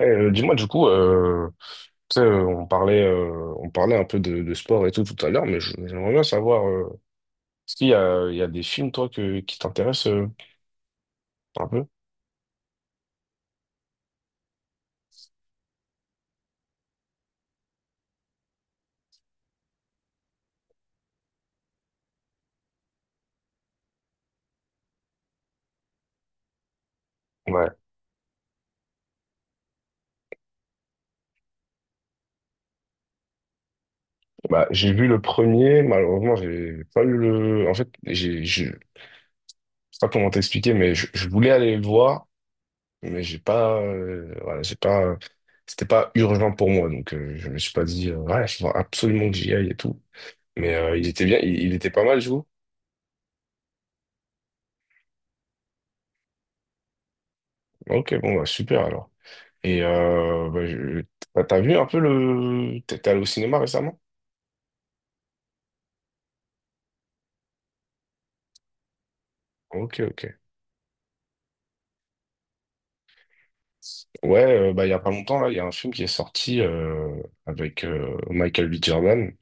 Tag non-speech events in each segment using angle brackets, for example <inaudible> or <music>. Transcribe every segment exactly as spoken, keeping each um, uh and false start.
Eh, euh, dis-moi du coup, euh, tu sais, euh, on parlait, euh, on parlait un peu de, de sport et tout tout à l'heure, mais je- j'aimerais bien savoir, euh, est-ce qu'il y a, il y a des films toi que, qui t'intéressent euh, un peu? Ouais. Bah j'ai vu le premier, malheureusement j'ai pas eu le, en fait j'ai, je je sais pas comment t'expliquer, mais je, je voulais aller le voir, mais j'ai pas, euh, voilà, j'ai pas, c'était pas urgent pour moi, donc euh, je me suis pas dit, euh, ouais, il faut absolument que j'y aille et tout, mais euh, il était bien, il, il était pas mal, je vous. Ok, bon bah super alors. Et euh, bah, je- t'as t'as vu un peu le... T'es t'es allé au cinéma récemment? Ok, ok. Ouais, euh, bah, il y a pas longtemps, là, il y a un film qui est sorti euh, avec euh, Michael B. Jordan.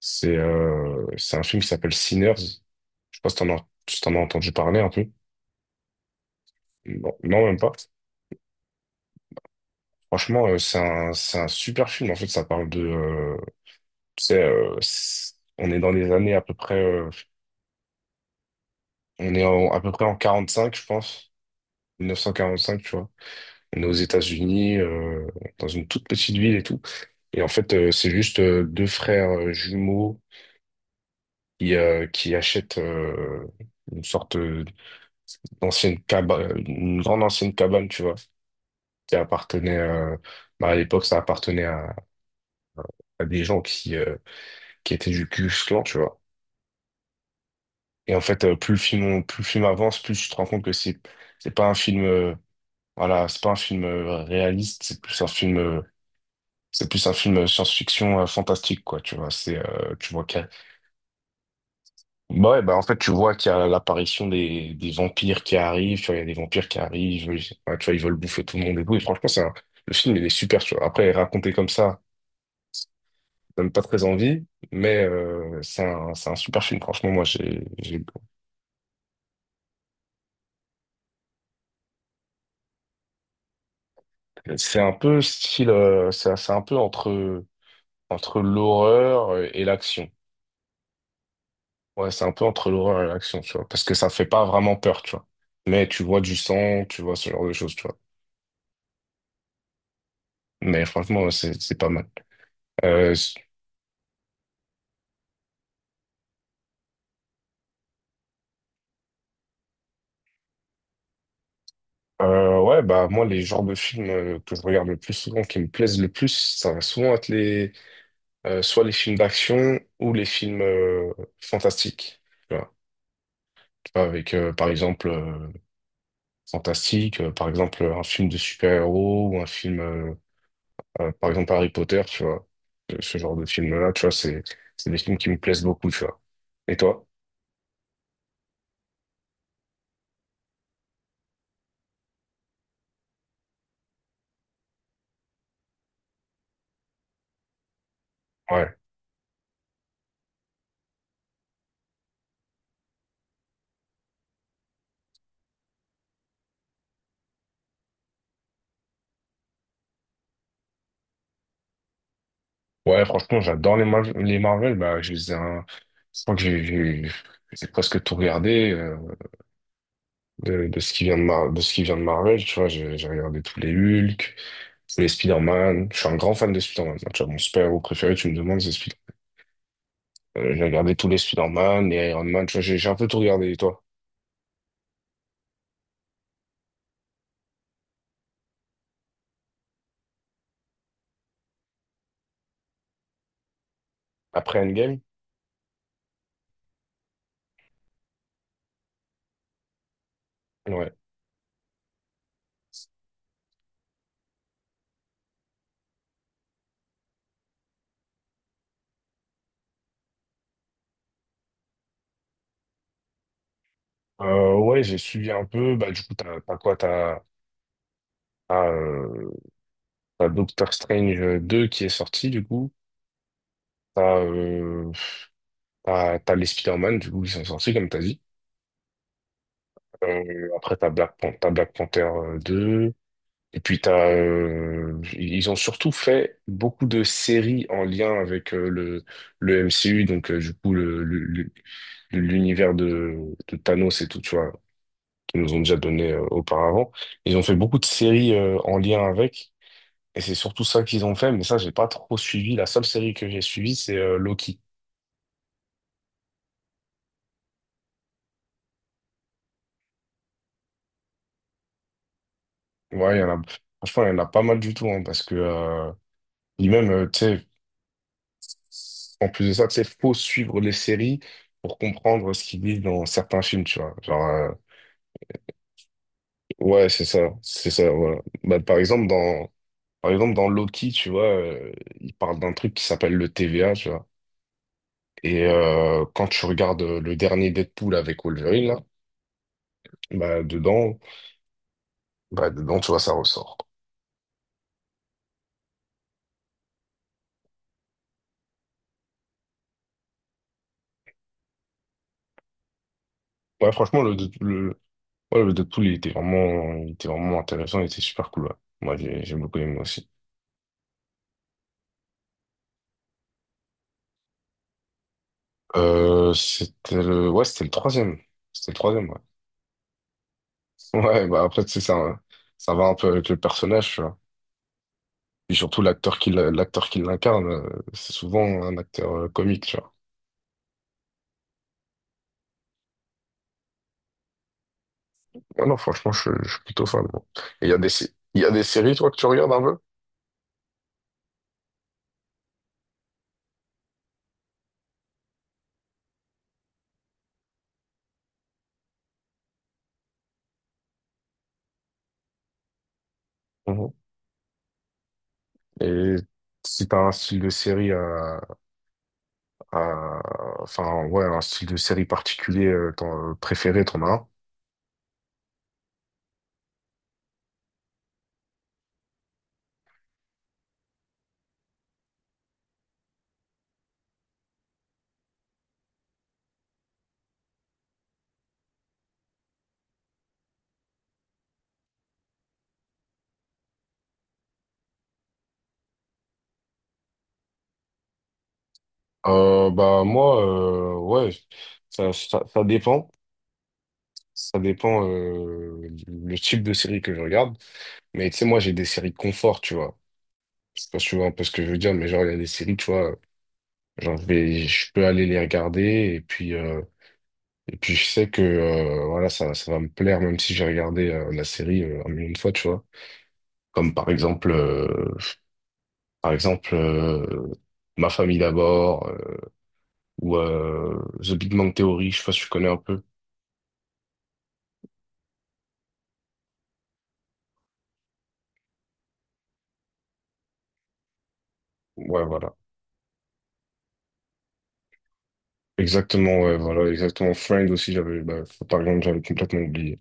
C'est euh, c'est un film qui s'appelle Sinners. Je sais pas si t'en as, si t'en as entendu parler un peu. Non, non, même pas. Franchement, euh, c'est un, c'est un super film. En fait, ça parle de... euh, tu sais, euh, c'est- on est dans les années à peu près... euh, on est en- à peu près en quarante cinq je pense. mille neuf cent quarante-cinq, tu vois. On est aux États-Unis, euh, dans une toute petite ville et tout. Et en fait, euh, c'est juste euh, deux frères euh, jumeaux qui, euh, qui achètent euh, une sorte euh, d'ancienne cabane, une grande ancienne cabane, tu vois, qui appartenait euh, bah, à l'époque, ça appartenait à, à des gens qui, euh, qui étaient du Ku Klux Klan, tu vois. Et en fait, euh, plus le film, plus le film avance, plus tu te rends compte que c'est, c'est pas un film, euh, voilà, c'est pas un film euh, réaliste, c'est plus un film euh, C'est plus un film science-fiction euh, fantastique, quoi, tu vois. C'est, euh, tu vois qu'il y a- Bah ouais, bah en fait, tu vois qu'il y a l'apparition des, des vampires qui arrivent, tu vois, il y a des vampires qui arrivent, ils- ouais, tu vois, ils veulent bouffer tout le monde et tout. Et franchement, c'est un- le film, il est super, tu vois. Après, raconté comme ça, ça donne pas très envie, mais euh, c'est un, c'est un super film. Franchement, moi, j'ai, j'ai... C'est un peu style... euh, c'est c'est un peu entre, entre l'horreur et l'action. Ouais, c'est un peu entre l'horreur et l'action, tu vois, parce que ça fait pas vraiment peur, tu vois. Mais tu vois du sang, tu vois ce genre de choses, tu vois. Mais franchement, ouais, c'est c'est pas mal. Euh, s- euh, ouais, bah moi, les genres de films euh, que je regarde le plus souvent, qui me plaisent le plus, ça va souvent être les euh, soit les films d'action ou les films euh, fantastiques. Tu vois, Tu vois, avec euh, par exemple euh, fantastique, euh, par exemple un film de super-héros ou un film euh, Euh, par exemple, Harry Potter, tu vois, ce ce genre de film-là, tu vois, c'est c'est des films qui me plaisent beaucoup, tu vois. Et toi? Ouais. Ouais, franchement, j'adore les, Mar- les Marvel. Bah, je les ai un- Je crois que j'ai j'ai- j'ai presque tout regardé euh, de, de ce qui vient de, Mar- de ce qui vient de Marvel, tu vois. J'ai j'ai regardé tous les Hulk, tous les Spider-Man. Je suis un grand fan de Spider-Man. Tu vois, mon super-héros préféré, tu me demandes, c'est Spider-Man. Euh, j'ai regardé tous les Spider-Man, les Iron Man, tu vois, j'ai j'ai un peu tout regardé. Et toi? Après Endgame? Ouais. Euh, ouais, j'ai suivi un peu. Bah, du coup, t'as, t'as, quoi? T'as, t'as, euh, t'as Doctor Strange deux qui est sorti, du coup. T'as, euh, t'as, t'as les Spider-Man, du coup, qui sont sortis, comme t'as dit. Euh, après, t'as Black Pan- t'as Black Panther euh, deux. Et puis, t'as, euh, ils ont surtout fait beaucoup de séries en lien avec euh, le, le M C U, donc, euh, du coup, le, le- le- l'univers de, de Thanos et tout, tu vois, qu'ils nous ont déjà donné euh, auparavant. Ils ont fait beaucoup de séries euh, en lien avec. Et c'est surtout ça qu'ils ont fait, mais ça, j'ai pas trop suivi. La seule série que j'ai suivie, c'est euh, Loki. Ouais, il y en a, franchement, il y en a pas mal du tout, hein, parce que, euh, et même, euh, tu sais, en plus de ça, tu sais, faut suivre les séries pour comprendre ce qu'ils disent dans certains films, tu vois. Genre, euh, ouais, c'est ça, c'est ça, voilà. Bah, par exemple, dans, par exemple, dans Loki, tu vois, euh, il parle d'un truc qui s'appelle le T V A, tu vois. Et euh, quand tu regardes euh, le dernier Deadpool avec Wolverine, là, bah, dedans, bah, dedans, tu vois, ça ressort. Ouais, franchement, le, le, ouais, le Deadpool, il était vraiment, il était vraiment, intéressant, il était super cool, ouais. Moi, j'ai j'ai beaucoup aimé aussi. Euh, c'était le, ouais, c'était le troisième. C'était le troisième, ouais. <laughs> Ouais, bah après, tu sais, ça, ça va un peu avec le personnage, tu vois. Et surtout, l'acteur qui, l'a- l'acteur qui l'incarne, euh, c'est souvent un acteur euh, comique, tu vois. Ouais, non, franchement, je, je suis plutôt fan, moi. Et il y a des, sé- il y a des séries, toi, que tu regardes un peu? Mhm. Et si t'as un style de série à Euh, enfin, ouais, un style de série particulier euh, t'en- préféré, t'en as un? Euh, bah moi euh, ouais, ça, ça ça dépend ça dépend euh, le type de série que je regarde. Mais tu sais, moi j'ai des séries confort, tu vois. Je sais pas si tu vois un peu ce que je veux dire, mais genre, il y a des séries, tu vois. Genre, je vais, je peux aller les regarder et puis, euh, et puis je sais que euh, voilà, ça, ça va me plaire même si j'ai regardé euh, la série euh, un million de fois, tu vois. Comme par exemple, euh, par exemple, euh, Ma famille d'abord euh, ou euh, The Big Bang Theory, je sais pas si tu connais un peu. Ouais, voilà. Exactement, ouais, voilà, exactement. Friends aussi, j'avais, bah, par exemple, j'avais complètement oublié.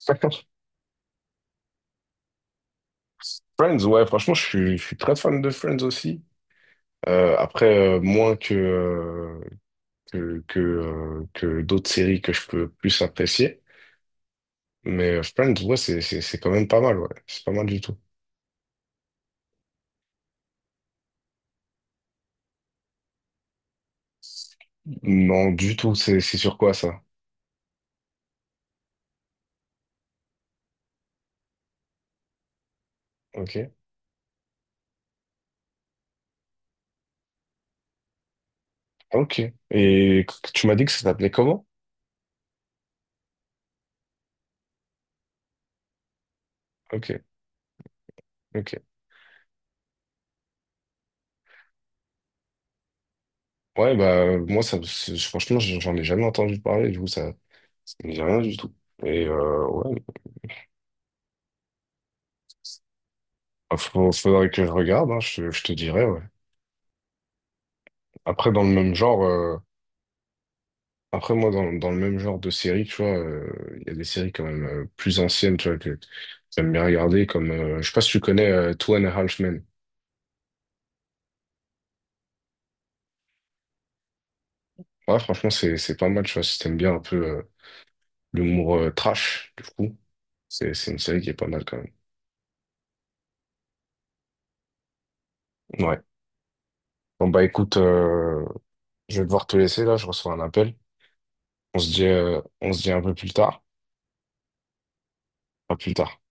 <laughs> Friends, ouais, franchement, je suis, je suis très fan de Friends aussi. Euh, après, euh, moins que, euh, que, que, euh, que d'autres séries que je peux plus apprécier. Mais euh, Friends, ouais, c'est, c'est, c'est quand même pas mal, ouais. C'est pas mal du tout. Non, du tout, c'est, c'est sur quoi ça? Ok. Ok. Et c- tu m'as dit que ça s'appelait comment? Ok. Ok. Ouais, bah, euh, moi, ça, c'est- franchement, j'en j'en ai jamais entendu parler, du coup, ça, ça me dit rien du tout. Et euh, ouais, bah, faut- faudrait que je regarde, hein, je, je te dirais, ouais. Après, dans le même genre, euh, Après, moi, dans, dans le même genre de série, tu vois, euh, il y a des séries quand même euh, plus anciennes, tu vois, que j'aime bien regarder, comme, euh, je sais pas si tu connais euh, Two and a Half Men. Ouais, franchement, c'est, c'est pas mal, tu vois, si t'aimes bien un peu euh, l'humour euh, trash, du coup, c'est, c'est une série qui est pas mal quand même. Ouais. Bon, bah écoute, euh, je vais devoir te laisser là, je reçois un appel. On se dit, euh, on se dit un peu plus tard. À plus tard.